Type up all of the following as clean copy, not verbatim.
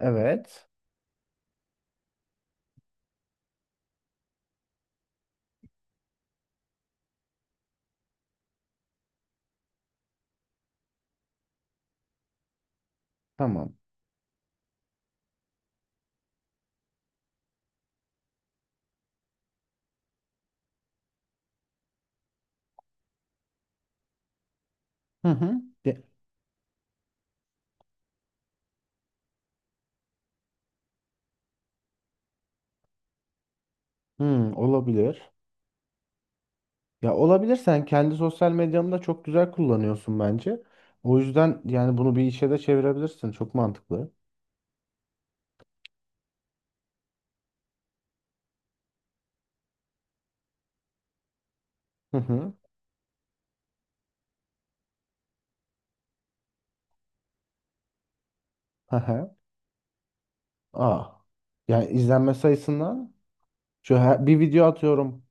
Evet. Tamam. Hı hı. De- Hmm, olabilir. Ya olabilir. Sen kendi sosyal medyanı da çok güzel kullanıyorsun bence. O yüzden yani bunu bir işe de çevirebilirsin. Çok mantıklı. Hı hı. Hı hı. Aa. Yani izlenme sayısından bir video atıyorum.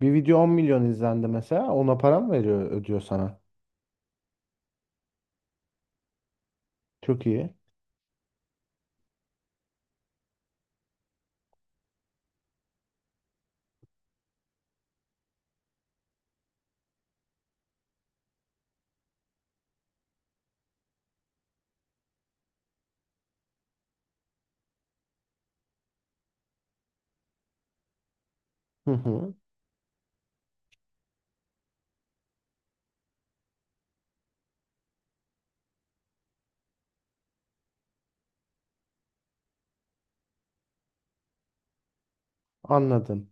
Bir video 10 milyon izlendi mesela. Ona para mı veriyor ödüyor sana? Çok iyi. Hı hı. Anladım.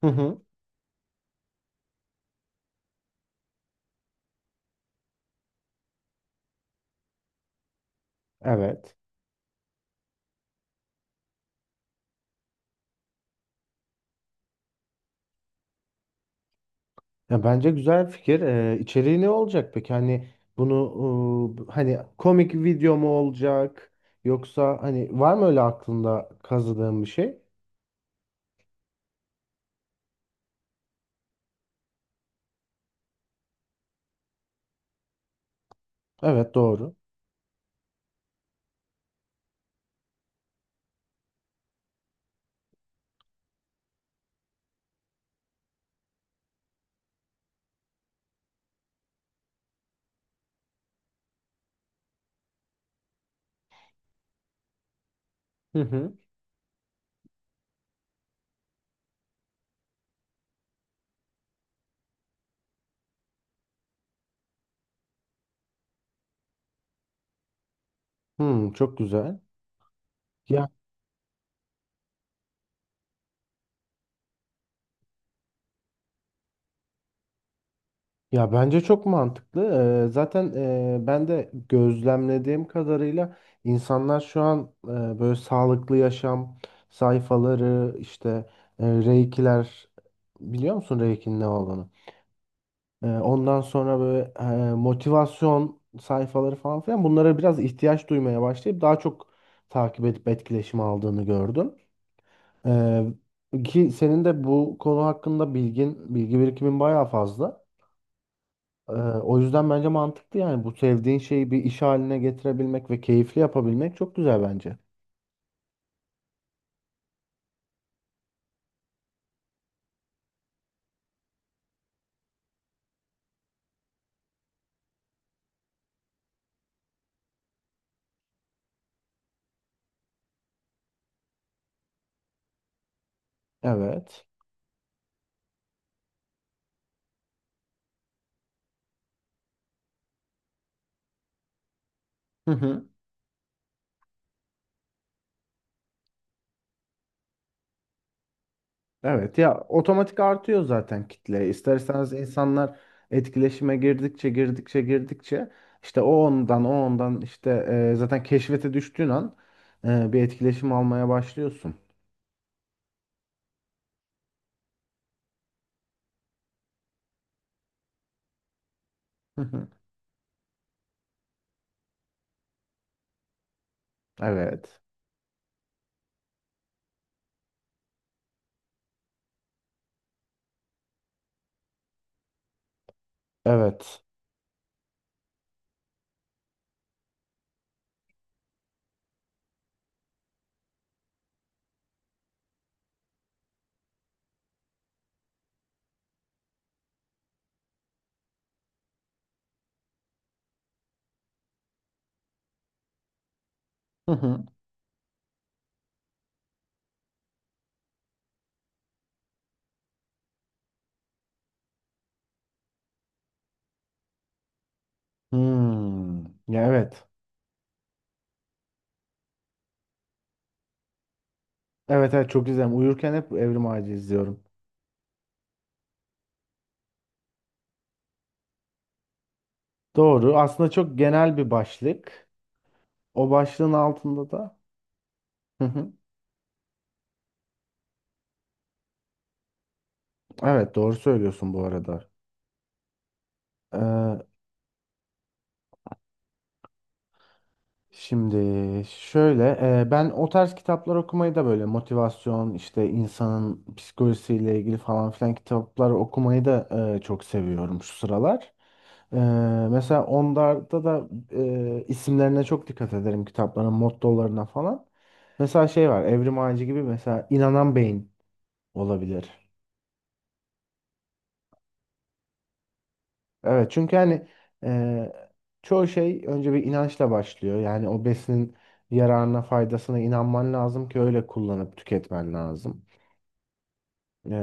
Hı hı. Evet. Ya bence güzel fikir. İçeriği ne olacak peki? Hani bunu hani komik video mu olacak? Yoksa hani var mı öyle aklında kazıdığın bir şey? Evet doğru. Hı hı. Hmm, çok güzel. Ya ya bence çok mantıklı. Zaten ben de gözlemlediğim kadarıyla insanlar şu an böyle sağlıklı yaşam sayfaları işte reikiler, biliyor musun reikin ne olduğunu? Ondan sonra böyle motivasyon sayfaları falan filan bunlara biraz ihtiyaç duymaya başlayıp daha çok takip edip etkileşim aldığını gördüm. Ee, Ki senin de bu konu hakkında bilgin, bilgi birikimin bayağı fazla. O yüzden bence mantıklı, yani bu sevdiğin şeyi bir iş haline getirebilmek ve keyifli yapabilmek çok güzel bence. Evet. Evet ya, otomatik artıyor zaten kitle. İster istemez insanlar etkileşime girdikçe işte o ondan işte zaten keşfete düştüğün an bir etkileşim almaya başlıyorsun. Hı hı. Evet. Evet. Hı hı. Hmm. Ya evet. Evet evet, çok izlerim. Uyurken hep Evrim Ağacı izliyorum. Doğru. Aslında çok genel bir başlık. O başlığın altında da. Hı hı. Evet doğru söylüyorsun bu arada. E, Şimdi şöyle, ben o tarz kitaplar okumayı da, böyle motivasyon işte insanın psikolojisiyle ilgili falan filan kitaplar okumayı da çok seviyorum şu sıralar. E, Mesela onlarda da isimlerine çok dikkat ederim, kitapların mottolarına falan. Mesela şey var, Evrim Ağacı gibi, mesela inanan beyin olabilir. Evet çünkü hani e, çoğu şey önce bir inançla başlıyor. Yani o besinin yararına, faydasına inanman lazım ki öyle kullanıp tüketmen lazım. E,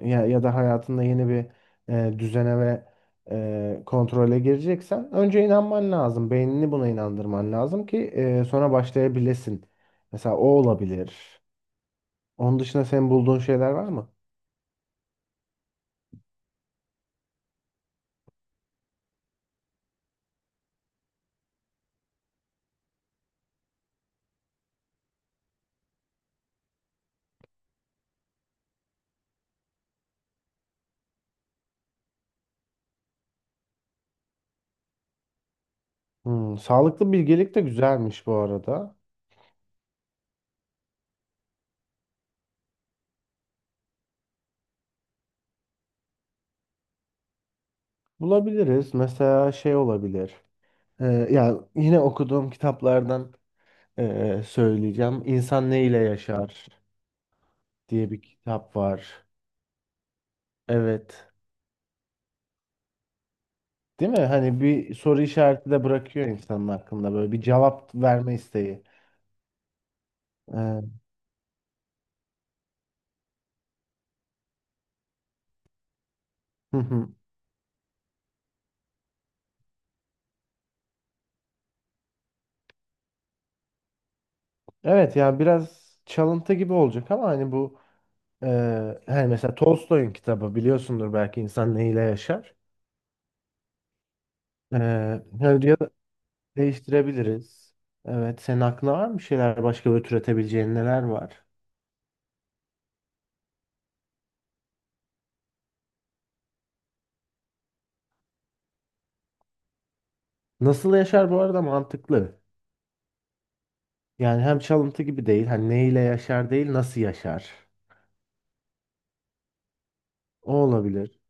Ya, ya da hayatında yeni bir düzene ve kontrole gireceksen önce inanman lazım. Beynini buna inandırman lazım ki sonra başlayabilesin. Mesela o olabilir. Onun dışında senin bulduğun şeyler var mı? Hmm, sağlıklı bilgelik de güzelmiş bu arada. Bulabiliriz. Mesela şey olabilir. Ee, Ya yine okuduğum kitaplardan söyleyeceğim. İnsan Ne ile Yaşar diye bir kitap var. Evet. Değil mi? Hani bir soru işareti de bırakıyor, insanın hakkında böyle bir cevap verme isteği. Ee, hı hı. Evet yani biraz çalıntı gibi olacak ama hani bu hani mesela Tolstoy'un kitabı, biliyorsundur belki, İnsan Ne ile Yaşar. Hani ya da değiştirebiliriz. Evet, senin aklına var mı şeyler, başka böyle türetebileceğin neler var? Nasıl yaşar, bu arada mantıklı. Yani hem çalıntı gibi değil. Hani neyle yaşar değil, nasıl yaşar. O olabilir.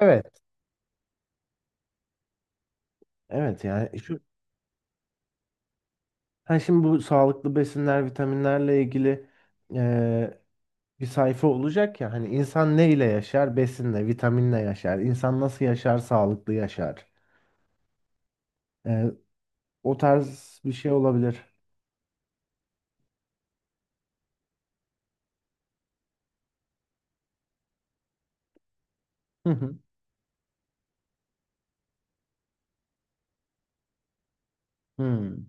Evet. Evet yani şu Ha şimdi bu sağlıklı besinler, vitaminlerle ilgili eee, bir sayfa olacak ya. Hani insan neyle yaşar? Besinle, vitaminle yaşar. İnsan nasıl yaşar? Sağlıklı yaşar. Eee, O tarz bir şey olabilir. Hı hı. Hmm.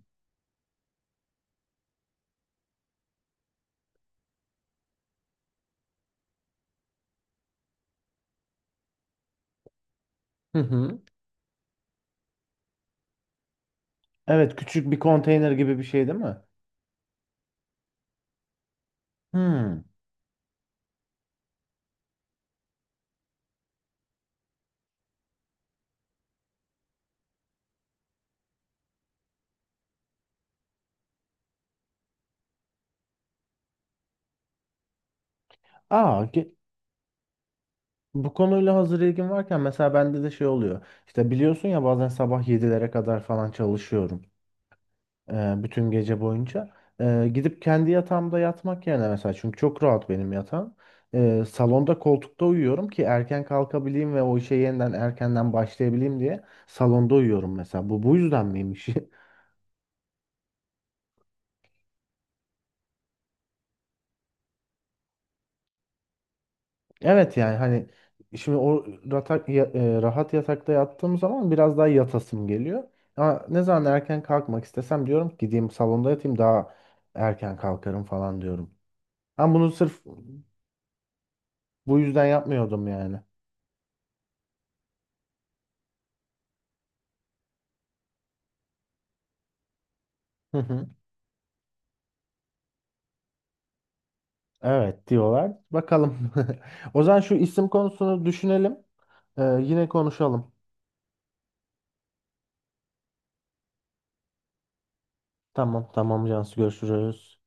Hı hı. Evet, küçük bir konteyner gibi bir şey değil mi? Hmm. Aa, ge- Bu konuyla hazır ilgin varken, mesela bende de şey oluyor. İşte biliyorsun ya, bazen sabah yedilere kadar falan çalışıyorum. Bütün gece boyunca. Gidip kendi yatağımda yatmak yerine, mesela çünkü çok rahat benim yatağım, salonda koltukta uyuyorum ki erken kalkabileyim ve o işe yeniden erkenden başlayabileyim diye salonda uyuyorum mesela. Bu yüzden miymiş? Evet yani hani şimdi o ratak, ya- e, rahat yatakta yattığım zaman biraz daha yatasım geliyor. Ama ne zaman erken kalkmak istesem diyorum ki gideyim salonda yatayım, daha erken kalkarım falan diyorum. Ama bunu sırf bu yüzden yapmıyordum yani. Hı hı. Evet diyorlar. Bakalım. O zaman şu isim konusunu düşünelim. Yine konuşalım. Tamam tamam Cansu, görüşürüz.